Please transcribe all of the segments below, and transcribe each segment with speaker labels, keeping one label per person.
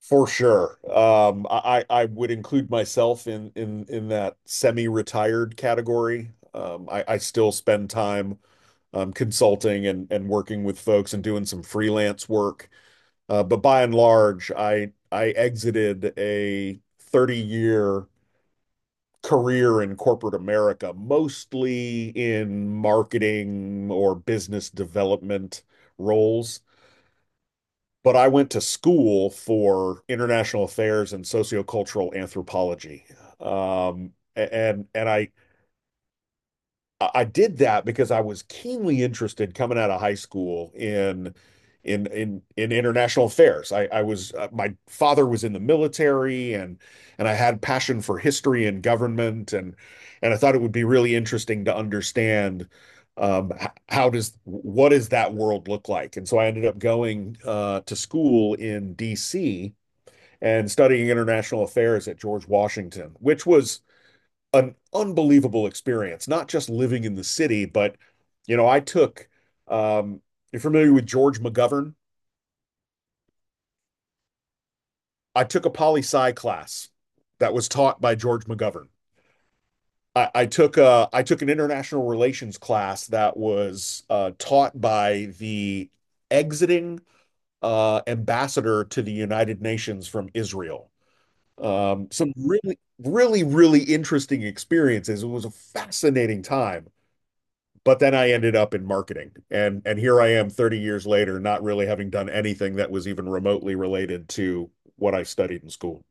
Speaker 1: For sure. I would include myself in in that semi-retired category. I still spend time consulting and working with folks and doing some freelance work. But by and large, I exited a 30-year career in corporate America, mostly in marketing or business development roles, but I went to school for international affairs and sociocultural anthropology. And I did that because I was keenly interested coming out of high school in international affairs. I was my father was in the military, and I had passion for history and government, and I thought it would be really interesting to understand how does what does that world look like? And so I ended up going to school in D.C. and studying international affairs at George Washington, which was an unbelievable experience, not just living in the city. But you know, I took um you're familiar with George McGovern? I took a poli sci class that was taught by George McGovern. I took a, I took an international relations class that was taught by the exiting ambassador to the United Nations from Israel. Some really, really, really interesting experiences. It was a fascinating time. But then I ended up in marketing, and here I am 30 years later, not really having done anything that was even remotely related to what I studied in school.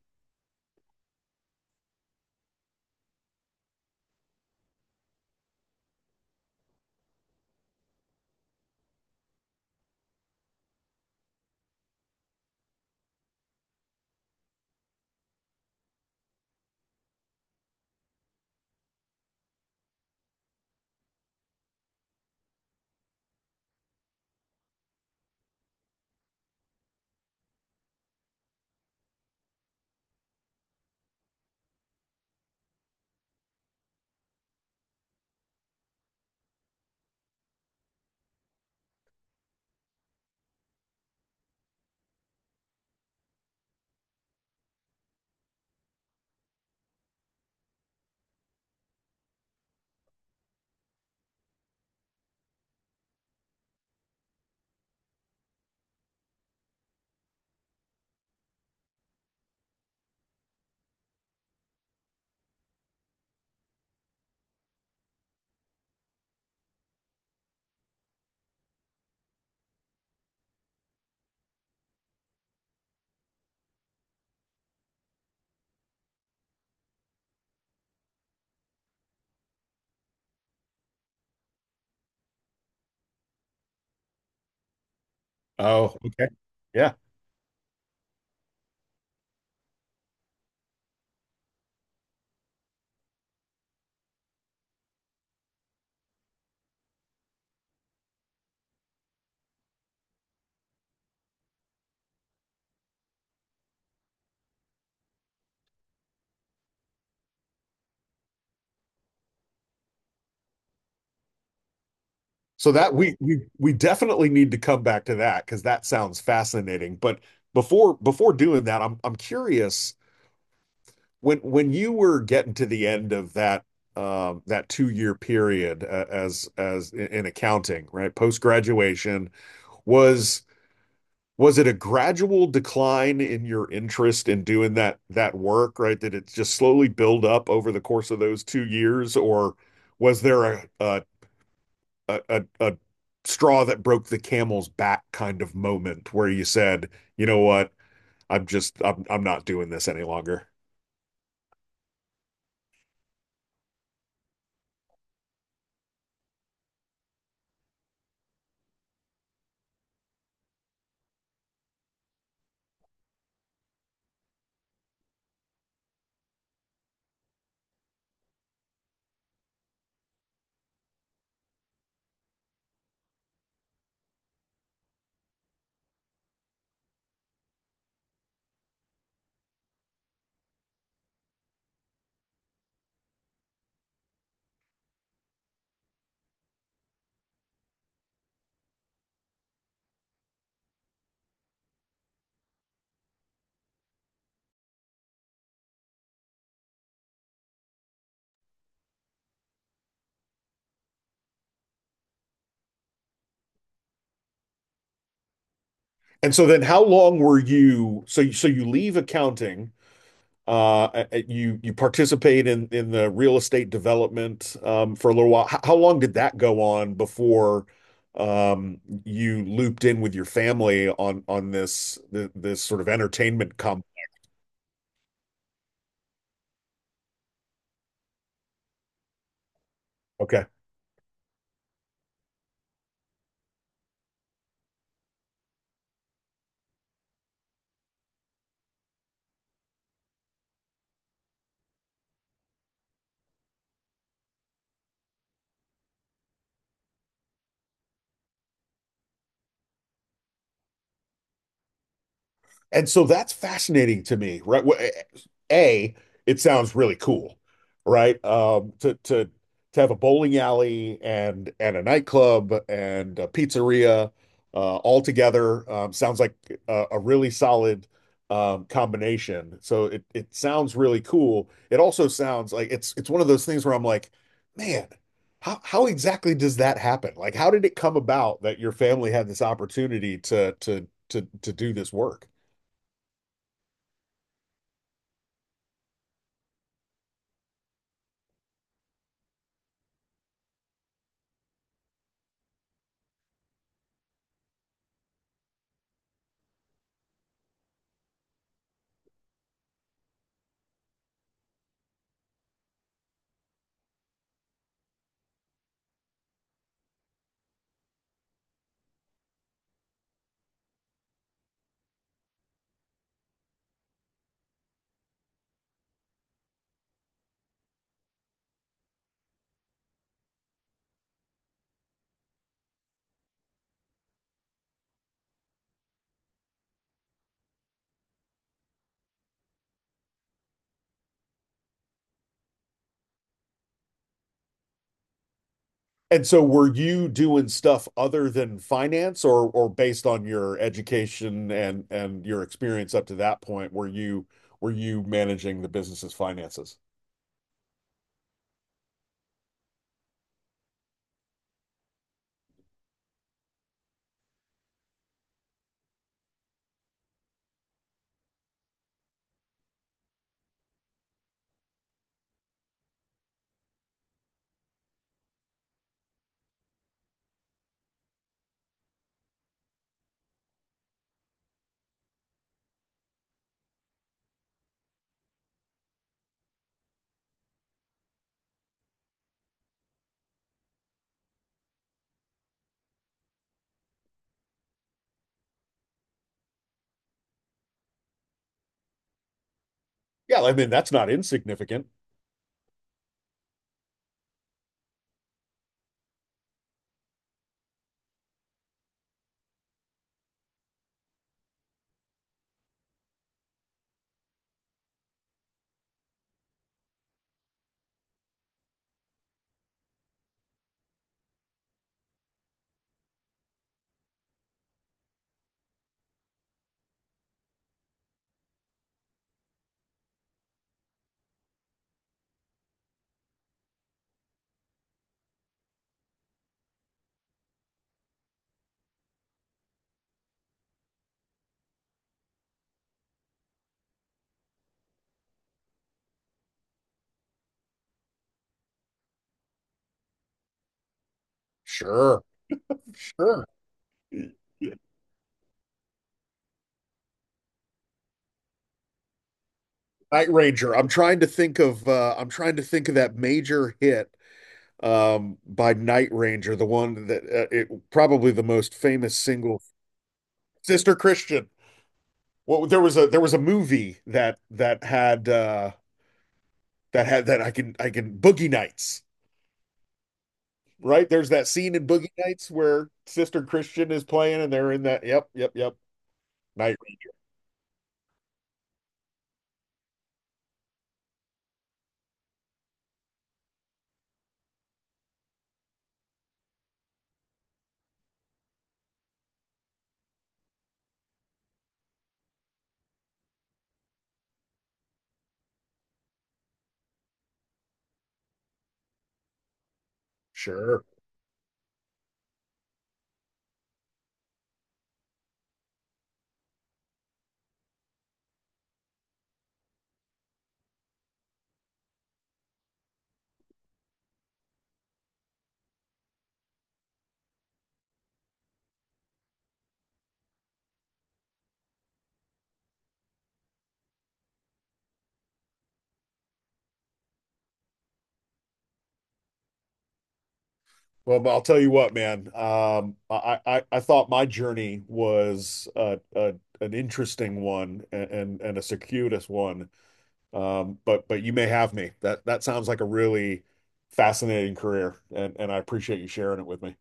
Speaker 1: Oh, okay. Yeah. So that we definitely need to come back to that because that sounds fascinating. But before doing that, I'm curious when you were getting to the end of that that two-year period as in accounting, right? Post graduation, was was it a gradual decline in your interest in doing that that work, right? Did it just slowly build up over the course of those 2 years, or was there a straw that broke the camel's back kind of moment where you said, you know what, I'm just I'm not doing this any longer? And so then how long were you so you, so you leave accounting. You you participate in the real estate development for a little while. How long did that go on before um, you looped in with your family on this this sort of entertainment comp? Okay. And so that's fascinating to me, right? A, it sounds really cool, right? To to have a bowling alley and a nightclub and a pizzeria all together, sounds like a really solid combination. So it sounds really cool. It also sounds like it's one of those things where I'm like, man, how exactly does that happen? Like, how did it come about that your family had this opportunity to do this work? And so were you doing stuff other than finance, or based on your education and your experience up to that point, were you managing the business's finances? Yeah, I mean, that's not insignificant. Sure, sure. Night Ranger. I'm trying to think of I'm trying to think of that major hit by Night Ranger, the one that it probably the most famous single. Sister Christian. Well, there was a movie that that had that had that I can Boogie Nights, right? There's that scene in Boogie Nights where Sister Christian is playing and they're in that. Yep, yep, yep. Night. Sure. Well, but I'll tell you what, man. I thought my journey was an interesting one and a circuitous one. But you may have me. That that sounds like a really fascinating career, and I appreciate you sharing it with me.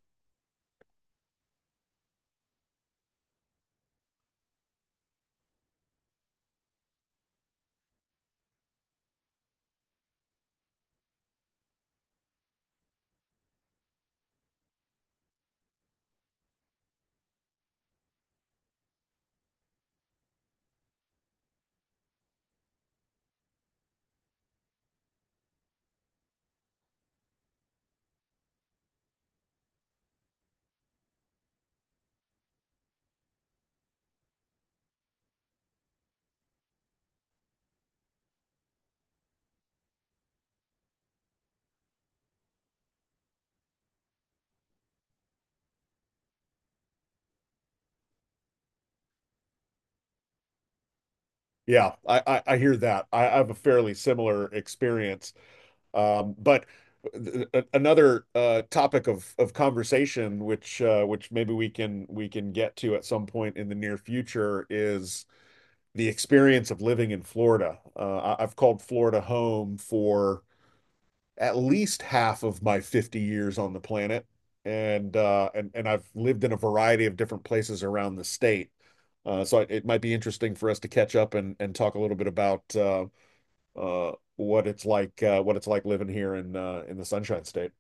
Speaker 1: Yeah, I hear that. I have a fairly similar experience. But another topic of conversation, which maybe we can get to at some point in the near future, is the experience of living in Florida. I've called Florida home for at least half of my 50 years on the planet, and and I've lived in a variety of different places around the state. So it might be interesting for us to catch up and talk a little bit about what it's like living here in the Sunshine State.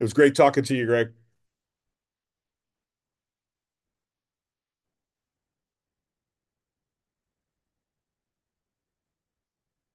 Speaker 1: It was great talking to you, Greg.